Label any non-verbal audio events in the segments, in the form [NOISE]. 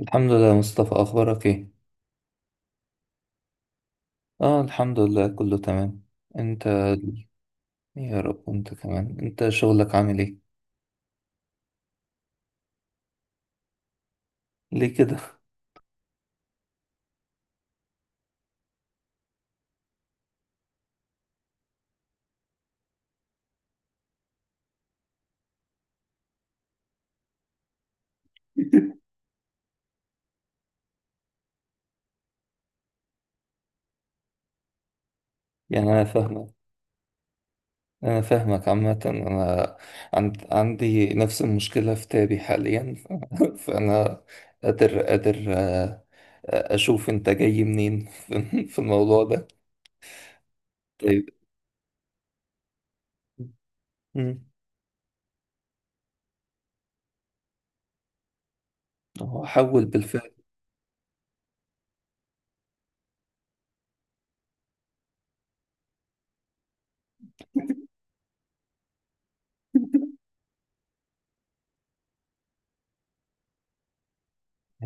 الحمد لله يا مصطفى، أخبارك إيه؟ الحمد لله كله تمام. أنت. يا رب، أنت كمان. أنت شغلك عامل إيه؟ ليه كده؟ [LAUGHS] يعني أنا فاهمك. أنا فاهمك عامة. أنا عندي نفس المشكلة في تابي حاليا. [LAUGHS] فأنا قادر، أشوف أنت جاي منين [LAUGHS] في الموضوع ده. طيب. مم. هو حول بالفعل.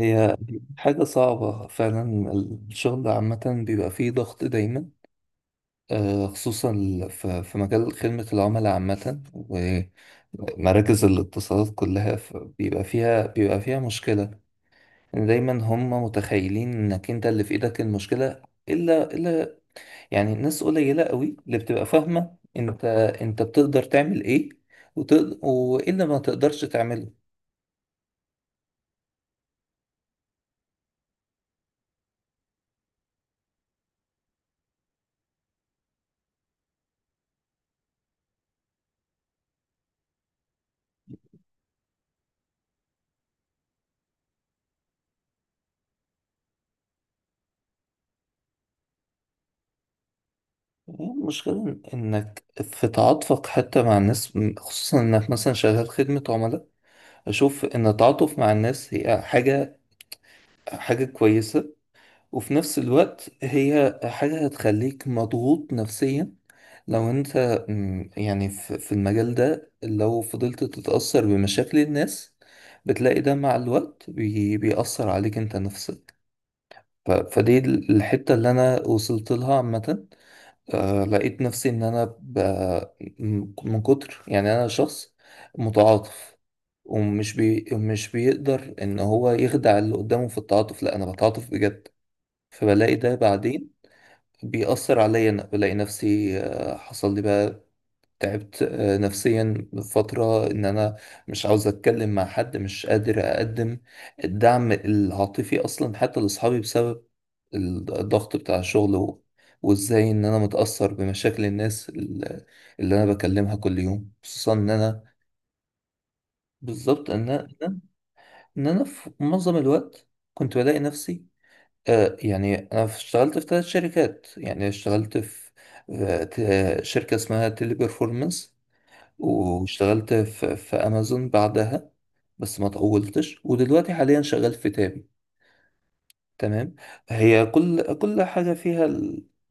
هي حاجة صعبة فعلا. الشغل عامة بيبقى فيه ضغط دايما. خصوصا في مجال خدمة العملاء عامة ومراكز الاتصالات كلها، بيبقى فيها مشكلة، إن دايما هم متخيلين انك انت اللي في ايدك المشكلة. الا يعني ناس قليلة قوي اللي بتبقى فاهمة انت انت بتقدر تعمل ايه وتقدر وايه اللي ما تقدرش تعمله. المشكلة انك في تعاطفك حتى مع الناس، خصوصا انك مثلا شغال خدمة عملاء. اشوف ان التعاطف مع الناس هي حاجة، حاجة كويسة. وفي نفس الوقت هي حاجة هتخليك مضغوط نفسيا لو انت. مم، يعني في المجال ده لو فضلت تتأثر بمشاكل الناس بتلاقي ده مع الوقت بيأثر عليك انت نفسك. فدي الحتة اللي انا وصلت لها عامة. لقيت نفسي ان من كتر، يعني انا شخص متعاطف، مش بيقدر ان هو يخدع اللي قدامه في التعاطف، لا انا بتعاطف بجد. فبلاقي ده بعدين بيأثر عليا. أنا بلاقي نفسي، حصل لي بقى تعبت، نفسيا فترة، إن أنا مش عاوز أتكلم مع حد، مش قادر أقدم الدعم العاطفي أصلا حتى لأصحابي، بسبب الضغط بتاع الشغل و... وإزاي إن أنا متأثر بمشاكل الناس اللي أنا بكلمها كل يوم، خصوصا إن أنا... بالظبط، إن أنا إن أنا في معظم الوقت كنت بلاقي نفسي. يعني أنا اشتغلت في 3 شركات. يعني اشتغلت في شركة اسمها تيلي بيرفورمانس، واشتغلت في أمازون بعدها. بس ما طولتش، ودلوقتي حاليا شغال في تابي. تمام. هي كل كل حاجة فيها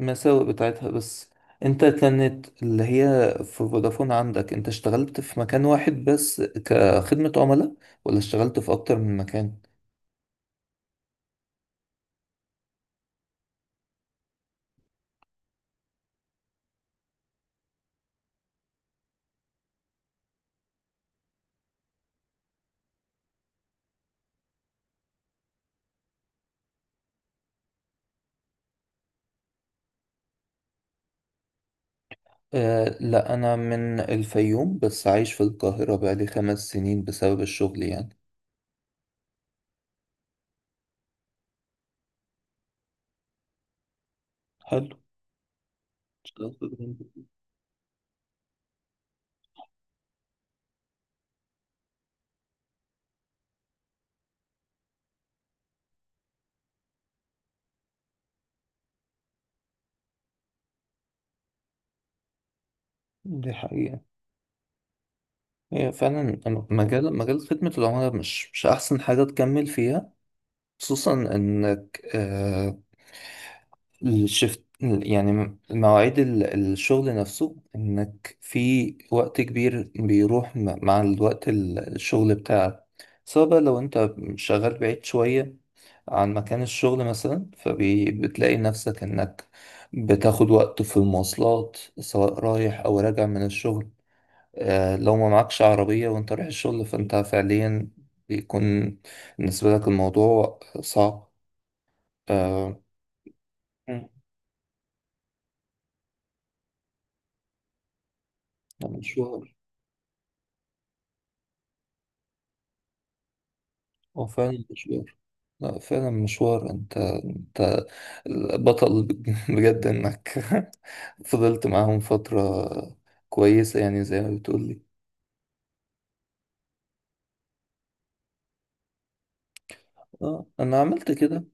المساوئ بتاعتها. بس أنت كانت اللي هي في فودافون، عندك أنت اشتغلت في مكان واحد بس كخدمة عملاء، ولا اشتغلت في أكتر من مكان؟ أه لا، أنا من الفيوم بس عايش في القاهرة بقالي 5 سنين بسبب الشغل يعني. حلو. اشتغلت في البنك. دي حقيقة. هي فعلا مجال خدمة العملاء مش أحسن حاجة تكمل فيها. خصوصا إنك، الشفت يعني مواعيد الشغل نفسه، انك في وقت كبير بيروح مع الوقت الشغل بتاعك، سواء بقى لو انت شغال بعيد شوية عن مكان الشغل مثلا، فبتلاقي نفسك انك بتاخد وقت في المواصلات سواء رايح او راجع من الشغل. لو ما معكش عربية وانت رايح الشغل فانت فعليا بيكون بالنسبة لك الموضوع صعب. آه، مم. المشوار هو فعلا مشوار. لا فعلا مشوار، انت انت بطل. [LAUGHS] بجد انك [LAUGHS] فضلت معاهم فترة كويسة، يعني زي ما بتقولي. اه انا عملت كده.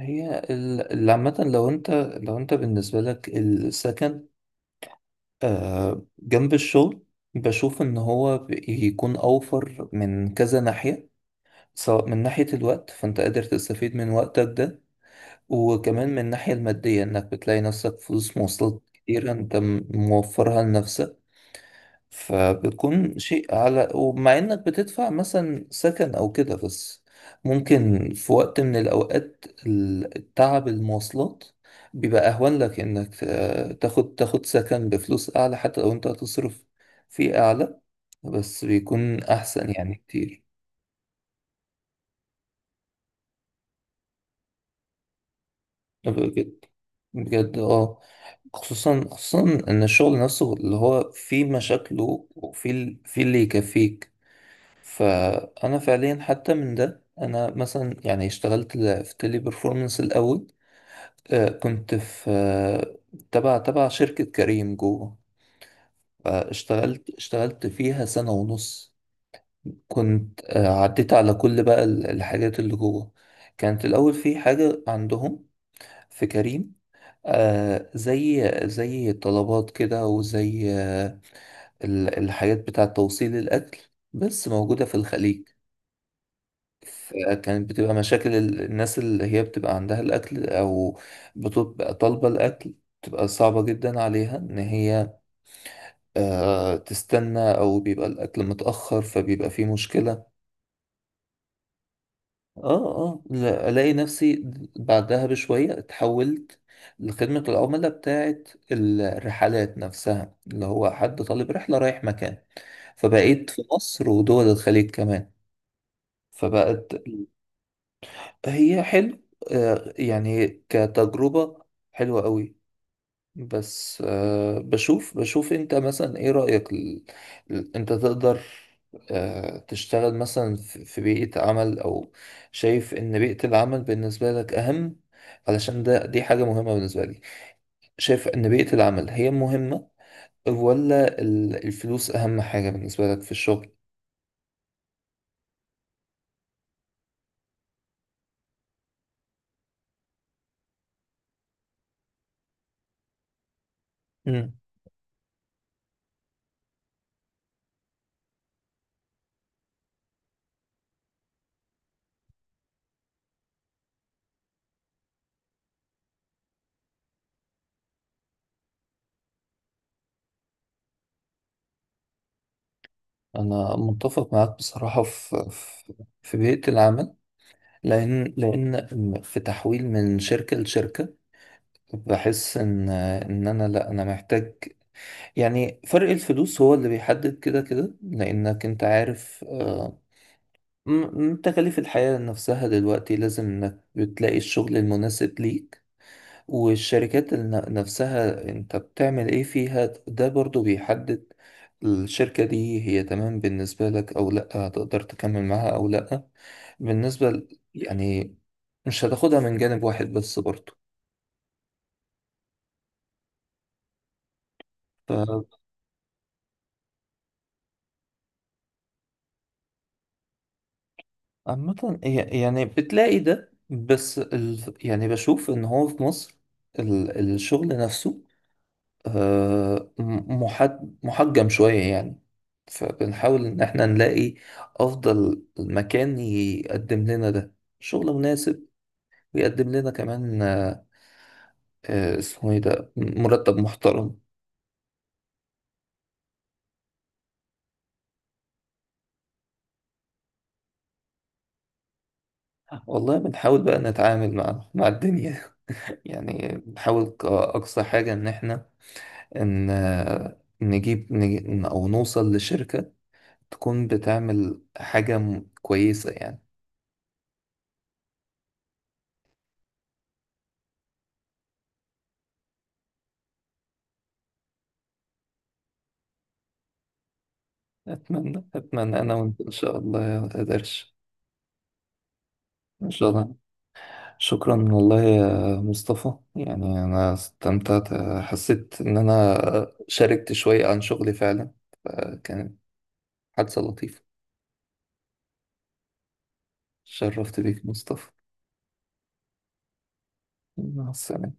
هي اللي عامة لو انت، لو انت بالنسبة لك السكن جنب الشغل، بشوف ان هو بيكون اوفر من كذا ناحية. سواء من ناحية الوقت فانت قادر تستفيد من وقتك ده، وكمان من الناحية المادية إنك بتلاقي نفسك فلوس مواصلات كتير أنت موفرها لنفسك. فبتكون شيء على، ومع إنك بتدفع مثلا سكن أو كده، بس ممكن في وقت من الأوقات التعب المواصلات بيبقى أهون لك إنك تاخد سكن بفلوس أعلى، حتى لو أنت هتصرف فيه أعلى، بس بيكون أحسن يعني كتير. بجد، بجد اه. خصوصا خصوصا ان الشغل نفسه اللي هو فيه مشاكله وفيه فيه اللي يكفيك. فانا فعليا حتى من ده انا مثلا يعني اشتغلت في تيلي بيرفورمانس الاول. كنت في، تبع شركة كريم جوه. اشتغلت فيها سنة ونص. كنت عديت على كل بقى الحاجات اللي جوه. كانت الاول في حاجة عندهم في كريم زي، زي الطلبات كده، وزي الحاجات بتاع توصيل الأكل، بس موجودة في الخليج. فكانت بتبقى مشاكل الناس اللي هي بتبقى عندها الأكل أو بتبقى طالبة الأكل، بتبقى صعبة جدا عليها إن هي تستنى، أو بيبقى الأكل متأخر فبيبقى فيه مشكلة. اه الاقي نفسي بعدها بشويه اتحولت لخدمه العملاء بتاعه الرحلات نفسها، اللي هو حد طالب رحله رايح مكان، فبقيت في مصر ودول الخليج كمان. فبقت هي حلو. يعني كتجربه حلوه قوي. بس بشوف انت مثلا ايه رأيك، انت تقدر تشتغل مثلا في بيئة عمل، او شايف ان بيئة العمل بالنسبة لك اهم؟ علشان ده دي حاجة مهمة بالنسبة لي. شايف ان بيئة العمل هي مهمة ولا الفلوس اهم حاجة بالنسبة لك في الشغل؟ مم. انا متفق معاك بصراحة في في بيئة العمل. لان في تحويل من شركة لشركة، بحس ان انا لا، انا محتاج يعني فرق الفلوس هو اللي بيحدد كده كده، لانك انت عارف، م- تكاليف الحياة نفسها دلوقتي، لازم انك بتلاقي الشغل المناسب ليك. والشركات نفسها انت بتعمل ايه فيها، ده برضو بيحدد الشركة دي هي تمام بالنسبة لك او لا، هتقدر تكمل معاها او لا. بالنسبة يعني مش هتاخدها من جانب واحد بس برضو. عامة، يعني بتلاقي ده، بس يعني بشوف ان هو في مصر الشغل نفسه، محجم شوية يعني. فبنحاول ان احنا نلاقي افضل مكان يقدم لنا ده شغل مناسب، ويقدم لنا كمان، اسمه ايه ده، مرتب محترم. والله بنحاول بقى نتعامل مع الدنيا. [LAUGHS] يعني بنحاول كأقصى حاجة ان احنا ان نجيب او نوصل لشركة تكون بتعمل حاجة كويسة يعني. اتمنى انا وانت ان شاء الله يا قدرش. ان شاء الله. شكرا والله يا مصطفى، يعني انا استمتعت، حسيت ان انا شاركت شوية عن شغلي فعلا. فكانت حادثة لطيفة. شرفت بيك مصطفى. مع السلامة.